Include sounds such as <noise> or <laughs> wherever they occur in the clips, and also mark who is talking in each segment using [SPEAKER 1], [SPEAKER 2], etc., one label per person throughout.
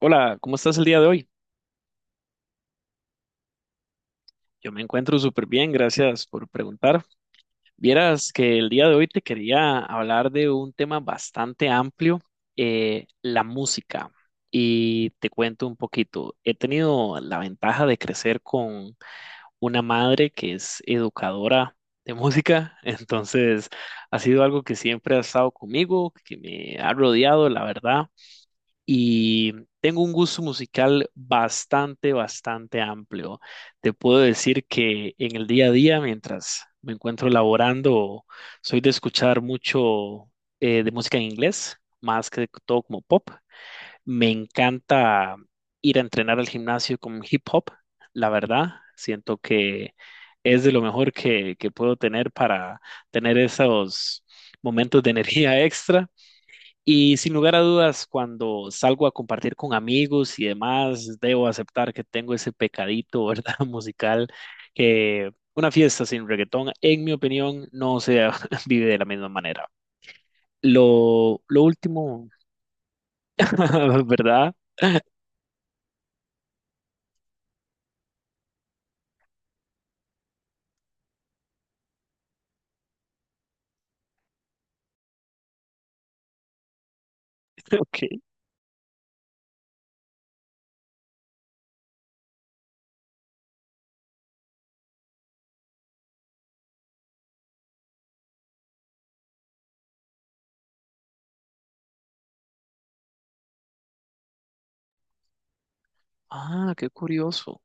[SPEAKER 1] Hola, ¿cómo estás el día de hoy? Yo me encuentro súper bien, gracias por preguntar. Vieras que el día de hoy te quería hablar de un tema bastante amplio, la música. Y te cuento un poquito. He tenido la ventaja de crecer con una madre que es educadora de música, <laughs> entonces ha sido algo que siempre ha estado conmigo, que me ha rodeado, la verdad. Y tengo un gusto musical bastante amplio. Te puedo decir que en el día a día, mientras me encuentro laborando, soy de escuchar mucho de música en inglés, más que todo como pop. Me encanta ir a entrenar al gimnasio con hip hop, la verdad. Siento que es de lo mejor que puedo tener para tener esos momentos de <laughs> energía extra. Y sin lugar a dudas, cuando salgo a compartir con amigos y demás, debo aceptar que tengo ese pecadito, <laughs> ¿verdad? Musical, que una fiesta sin reggaetón, en mi opinión, no se <laughs> vive de la misma manera. Lo último, <laughs> ¿verdad? <laughs> Ok. Ah, qué curioso.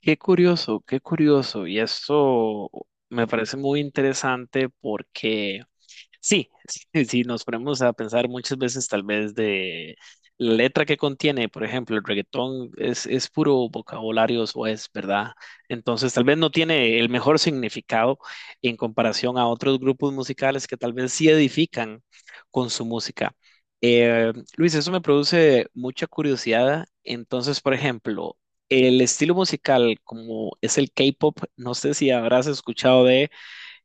[SPEAKER 1] Qué curioso, qué curioso. Y esto me parece muy interesante porque sí, <laughs> sí, si nos ponemos a pensar muchas veces tal vez de la letra que contiene, por ejemplo, el reggaetón es puro vocabulario es, ¿verdad? Entonces tal vez no tiene el mejor significado en comparación a otros grupos musicales que tal vez sí edifican con su música. Luis, eso me produce mucha curiosidad. Entonces, por ejemplo, el estilo musical, como es el K-pop, no sé si habrás escuchado de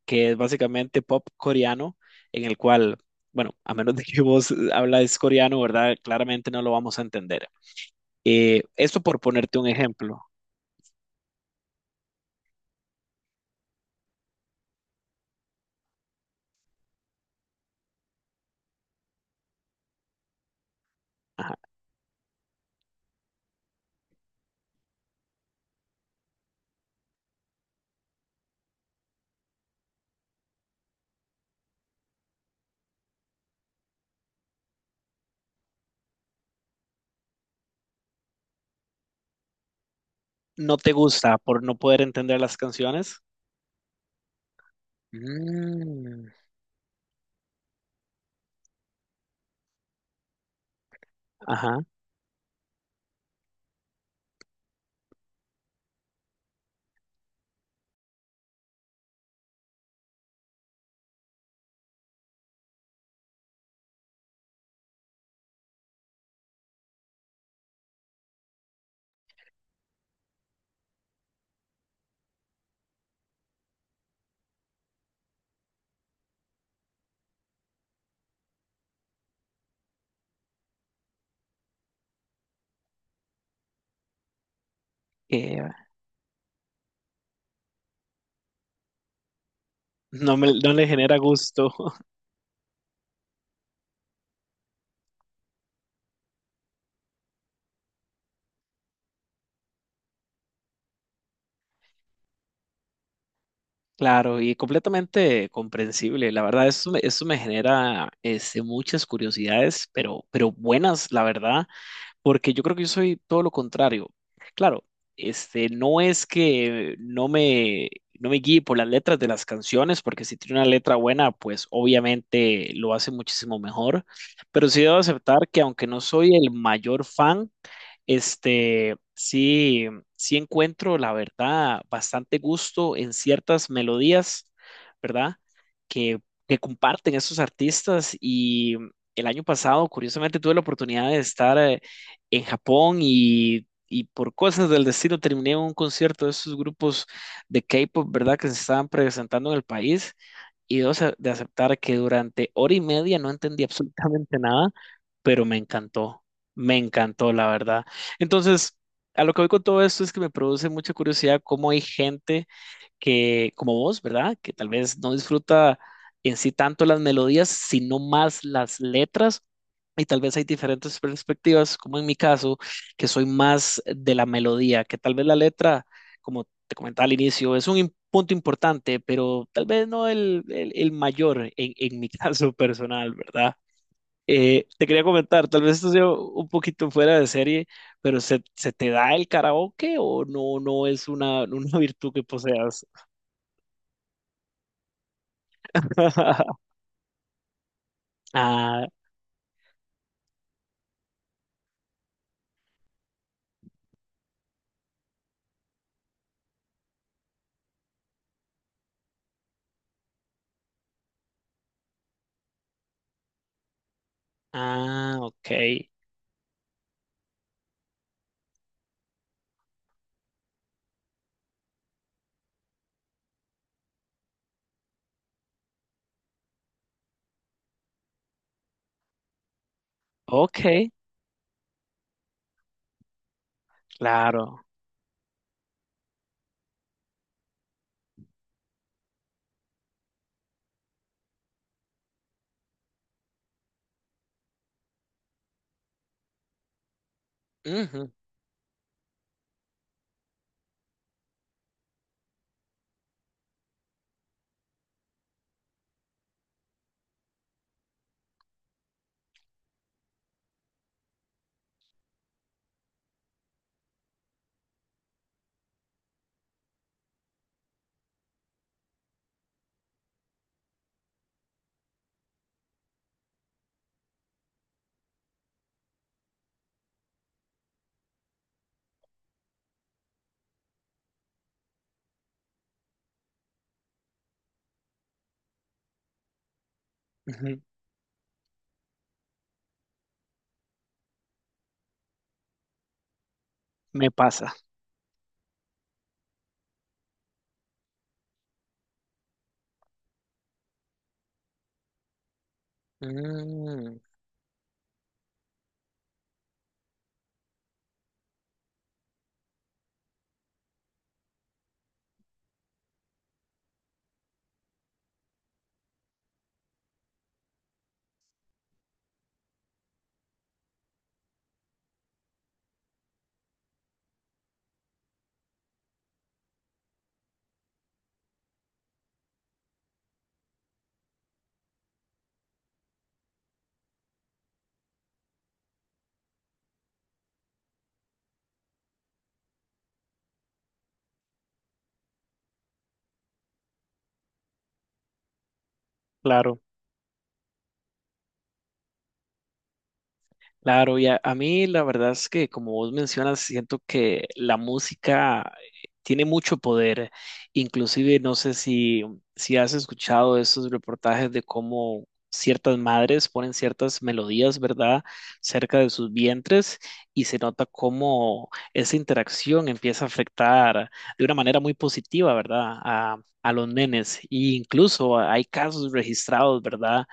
[SPEAKER 1] que es básicamente pop coreano, en el cual, bueno, a menos de que <laughs> vos hablas coreano, ¿verdad? Claramente no lo vamos a entender. Esto por ponerte un ejemplo. Ajá. ¿No te gusta por no poder entender las canciones? Mm, ajá. eh, no le genera gusto. Claro, y completamente comprensible. La verdad, eso me genera este, muchas curiosidades, pero buenas, la verdad porque yo creo que yo soy todo lo contrario. Claro, este, no es que no me, no me guíe por las letras de las canciones, porque si tiene una letra buena, pues obviamente lo hace muchísimo mejor, pero sí debo aceptar que aunque no soy el mayor fan, este, sí, sí encuentro, la verdad, bastante gusto en ciertas melodías, ¿verdad? Que, que comparten esos artistas y el año pasado, curiosamente, tuve la oportunidad de estar en Japón y por cosas del destino terminé en un concierto de esos grupos de K-pop, ¿verdad? Que se estaban presentando en el país y dos, de aceptar que durante hora y media no entendí absolutamente nada, pero me encantó, la verdad. Entonces, a lo que voy con todo esto es que me produce mucha curiosidad cómo hay gente que, como vos, ¿verdad? Que tal vez no disfruta en sí tanto las melodías, sino más las letras. Y tal vez hay diferentes perspectivas, como en mi caso, que soy más de la melodía, que tal vez la letra, como te comentaba al inicio, es un punto importante, pero tal vez no el mayor en mi <laughs> caso personal, ¿verdad? Te quería comentar, tal vez esto sea un poquito fuera de serie, pero se te da el karaoke o no, no es una, <laughs> una virtud que poseas? <laughs> Ah, ah, ok. Ok, claro. Ujú, ujú. Me pasa. Mm, claro. Claro, y a mí la verdad es que como vos mencionas, siento que la música tiene mucho poder. Inclusive no sé si, si has escuchado esos reportajes de cómo ciertas madres ponen ciertas melodías, ¿verdad?, cerca de sus vientres y se nota cómo esa interacción empieza a afectar de una manera muy positiva, ¿verdad?, a los nenes. E incluso hay casos registrados, ¿verdad?,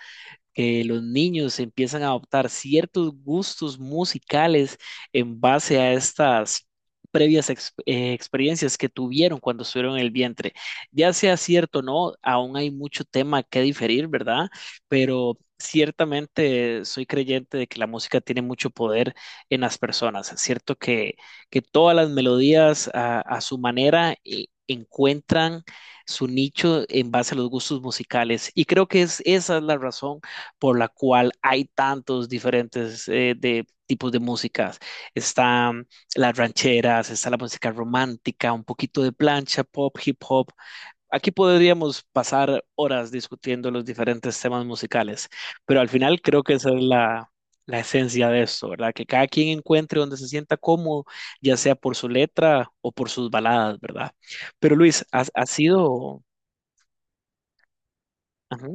[SPEAKER 1] que los niños empiezan a adoptar ciertos gustos musicales en base a estas previas experiencias que tuvieron cuando estuvieron en el vientre. Ya sea cierto o no, aún hay mucho tema que diferir, ¿verdad? Pero ciertamente soy creyente de que la música tiene mucho poder en las personas. Es cierto que todas las melodías a su manera encuentran su nicho en base a los gustos musicales y creo que es, esa es la razón por la cual hay tantos diferentes de tipos de músicas. Están las rancheras, está la música romántica, un poquito de plancha, pop, hip hop. Aquí podríamos pasar horas discutiendo los diferentes temas musicales, pero al final creo que esa es la esencia de esto, ¿verdad? Que cada quien encuentre donde se sienta cómodo, ya sea por su letra o por sus baladas, ¿verdad? Pero Luis, ha, ha sido... ajá.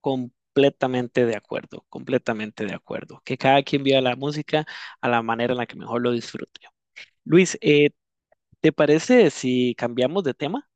[SPEAKER 1] Completamente de acuerdo, completamente de acuerdo. Que cada quien viva la música a la manera en la que mejor lo disfrute. Luis, ¿te parece si cambiamos de tema?